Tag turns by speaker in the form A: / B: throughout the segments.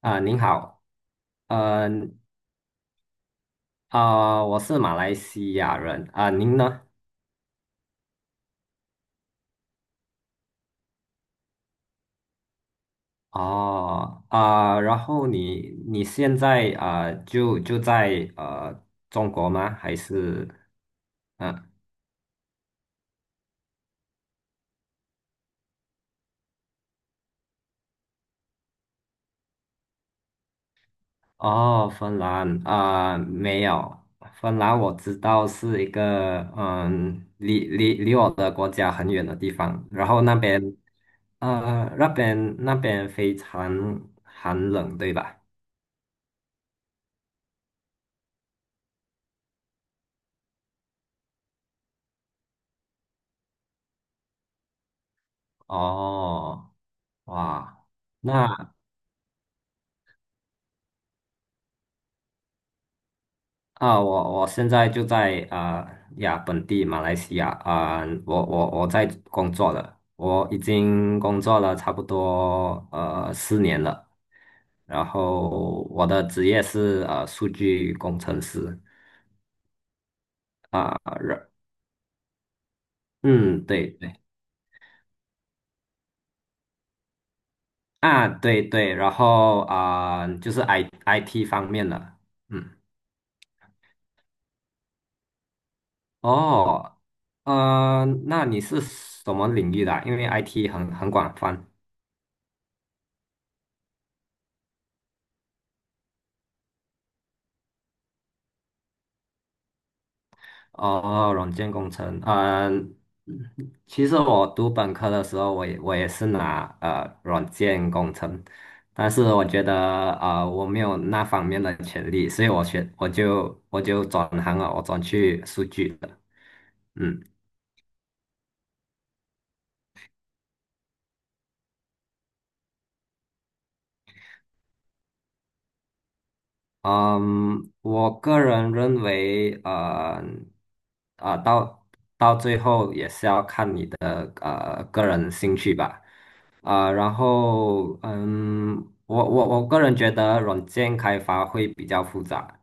A: 啊，您好。呃啊，我是马来西亚人啊，您呢？哦，然后你现在就在中国吗？还是嗯、哦，芬兰啊，没有。芬兰我知道是一个离我的国家很远的地方，然后那边非常寒冷，对吧？哦。哇。那，我现在就在呀，本地马来西亚啊，我在工作了。我已经工作了差不多四年了，然后我的职业是数据工程师啊。然嗯，对对。啊，对对，然后就是 IT 方面的。嗯。哦。那你是什么领域的啊，因为 IT 很广泛。哦，软件工程。嗯。其实我读本科的时候，我也是拿软件工程，但是我觉得我没有那方面的潜力，所以我就转行了，我转去数据了。嗯嗯。我个人认为，啊、到到最后也是要看你的。然后我个人觉得软件开发会比较复杂，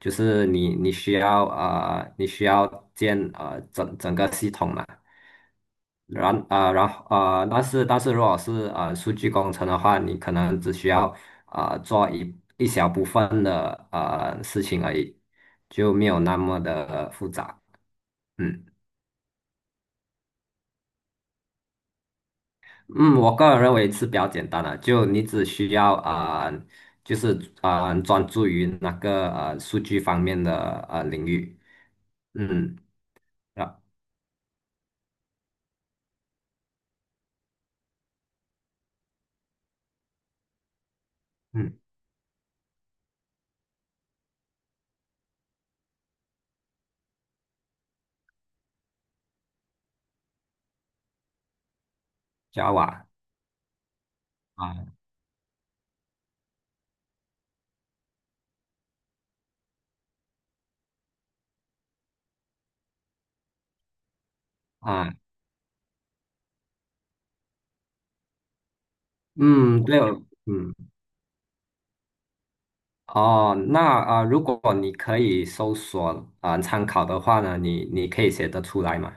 A: 就是你需要啊，你需要整整个系统嘛。然后啊，但是如果是数据工程的话，你可能只需要做一小部分的事情而已，就没有那么的复杂。嗯。嗯，我个人认为是比较简单的，就你只需要就是专注于那个数据方面的领域。嗯。啊。嗯。Java 啊啊。嗯，对哦。嗯。哦，那如果你可以搜索参考的话呢，你可以写得出来吗？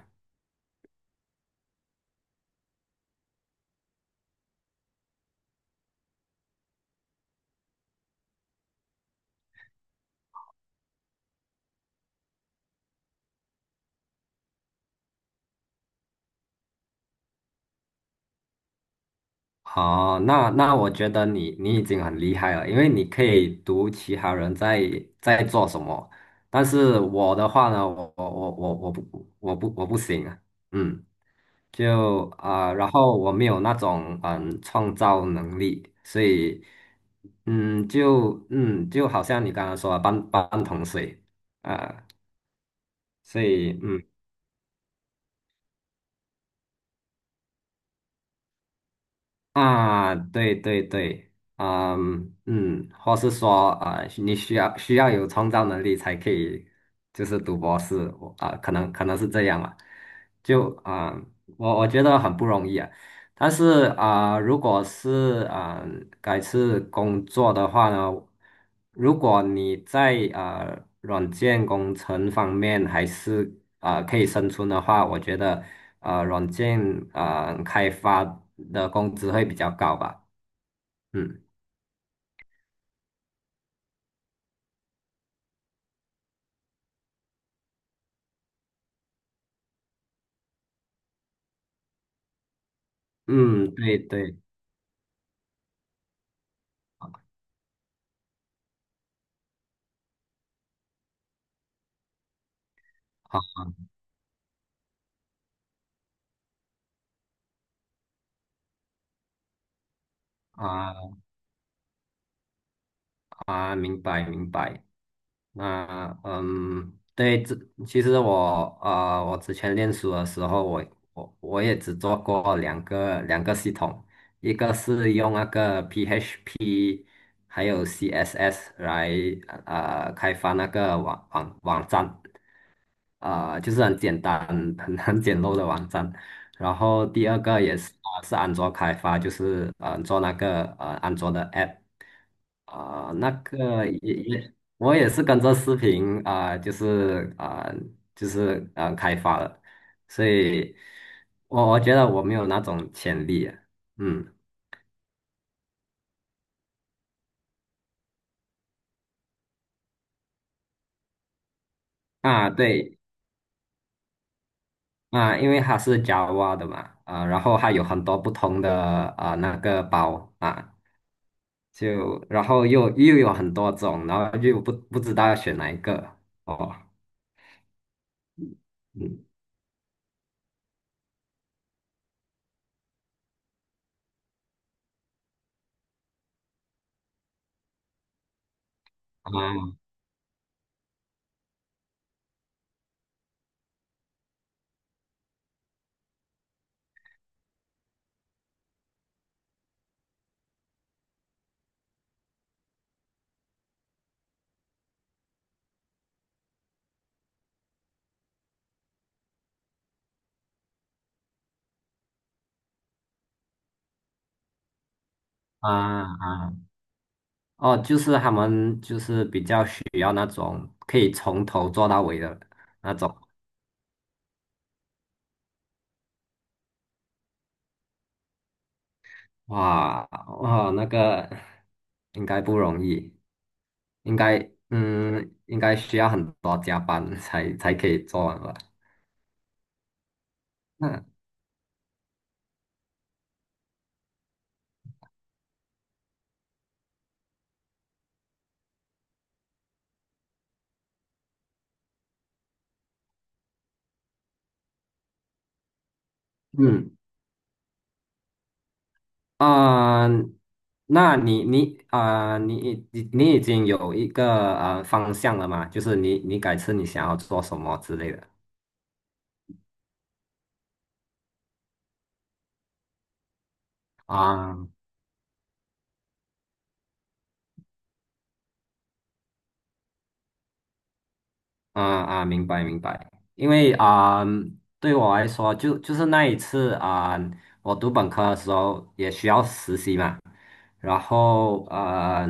A: 哦，那，我觉得你已经很厉害了，因为你可以读其他人在做什么。但是我的话呢，我我我我我不我不我不行啊。嗯。然后我没有那种创造能力，所以就好像你刚刚说的半桶水啊。所以嗯。啊，对对对。嗯嗯。或是说你需要有创造能力才可以，就是读博士，我可能是这样吧。就啊、我觉得很不容易啊。但是啊，如果改次工作的话呢，如果你在软件工程方面还是可以生存的话，我觉得软件开发的工资会比较高吧。嗯嗯。对对，好。啊啊，明白明白。那嗯，对，其实我之前练书的时候，我也只做过两个系统，一个是用那个 PHP 还有 CSS 来开发那个网站，就是很简单，很简陋的网站。然后第二个也是安卓开发，就是做那个安卓的 app。那个也，我也是跟着视频就是啊，开发的，所以我觉得我没有那种潜力啊。嗯。啊，对啊，因为它是 Java 的嘛，然后它有很多不同的那个包啊，就然后又有很多种，然后又不知道要选哪一个。哦。嗯。啊啊啊。哦，就是他们就是比较需要那种可以从头做到尾的那种。哇，哇，那个应该不容易，应该，嗯，应该需要很多加班才可以做完吧？那嗯，啊、那你已经有一个方向了嘛？就是你改次你想要做什么之类的啊？啊啊，明白明白。因为对我来说，就是那一次啊，我读本科的时候也需要实习嘛。然后呃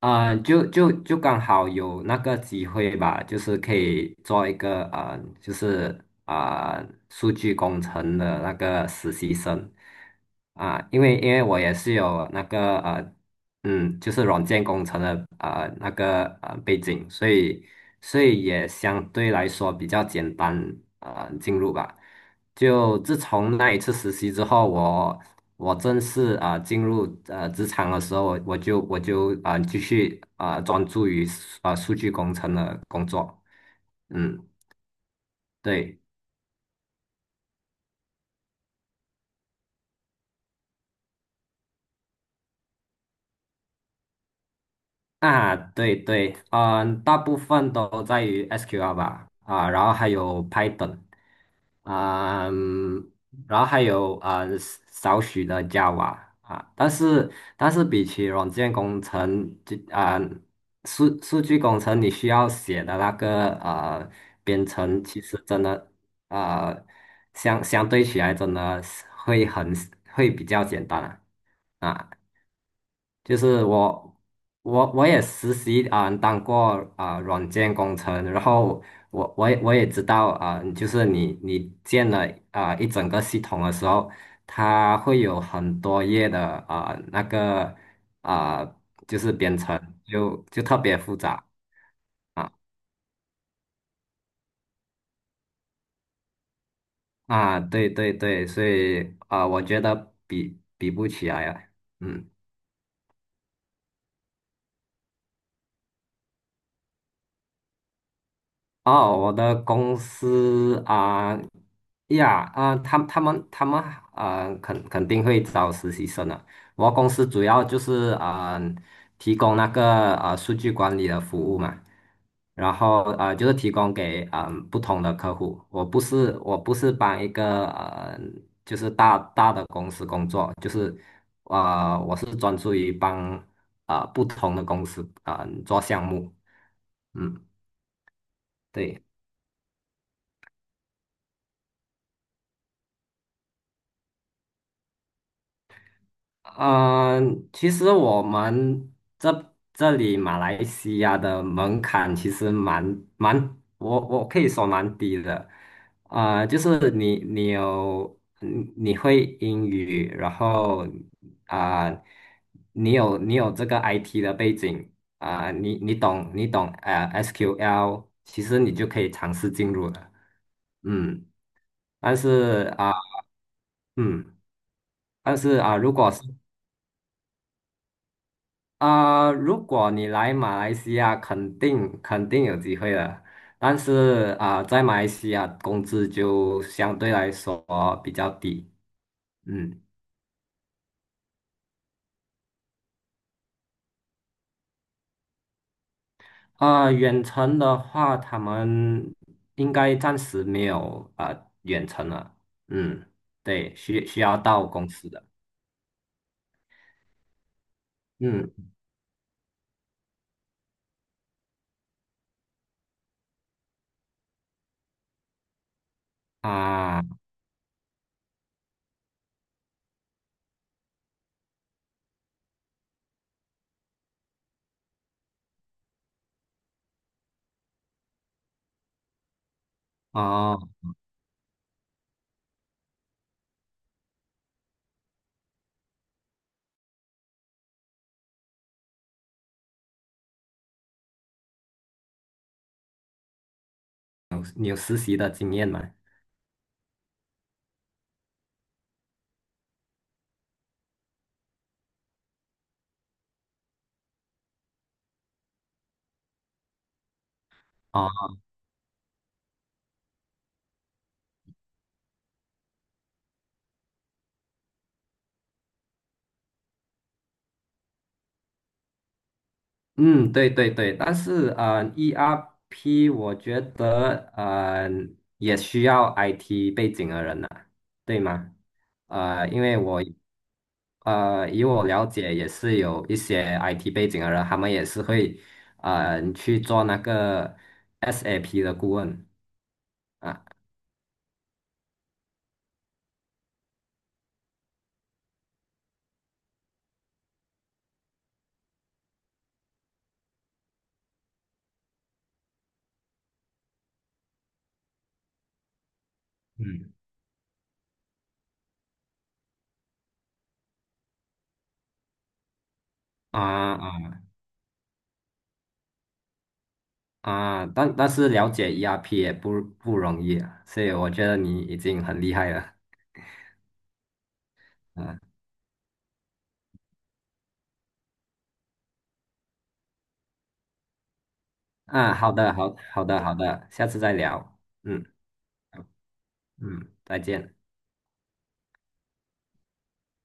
A: 呃，就刚好有那个机会吧，就是可以做一个数据工程的那个实习生，因为我也是有那个就是软件工程的那个背景，所以也相对来说比较简单进入吧。就自从那一次实习之后，我正式进入职场的时候，我就继续专注于数据工程的工作。嗯，对。啊，对对，嗯，大部分都在于 SQL 吧，然后还有 Python。啊、嗯，然后还有少许的 Java 啊。但是比起软件工程，数据工程你需要写的那个编程，其实真的，呃相对起来真的是会比较简单。啊啊。就是我，我也实习当过软件工程，然后我也知道就是你建了一整个系统的时候，它会有很多页的那个啊、就是编程，就特别复杂。啊啊，对对对，所以我觉得比不起来啊。嗯。哦，我的公司啊，呀啊，他们啊，肯定会招实习生的。我公司主要就是提供那个数据管理的服务嘛，然后就是提供给不同的客户。我不是帮一个就是大的公司工作，就是我是专注于帮不同的公司做项目。嗯，对。嗯，其实我们这里马来西亚的门槛其实蛮，我可以说蛮低的，就是你会英语，然后啊、你有这个 IT 的背景，你懂SQL，其实你就可以尝试进入了。嗯。但是啊、嗯，但是啊、如果你来马来西亚，肯定有机会的。但是在马来西亚工资就相对来说比较低。嗯。远程的话，他们应该暂时没有远程了。嗯，对，需要到公司的。嗯啊，哦，你有实习的经验吗？哦。嗯，对对对，但是ERP 我觉得也需要 IT 背景的人呐，对吗？因为以我了解，也是有一些 IT 背景的人，他们也是会去做那个 SAP 的顾问啊。嗯。啊啊啊，但是了解 ERP 也不容易啊，所以我觉得你已经很厉害了。嗯。啊，好的，好，好的，好的，下次再聊。嗯。嗯，再见。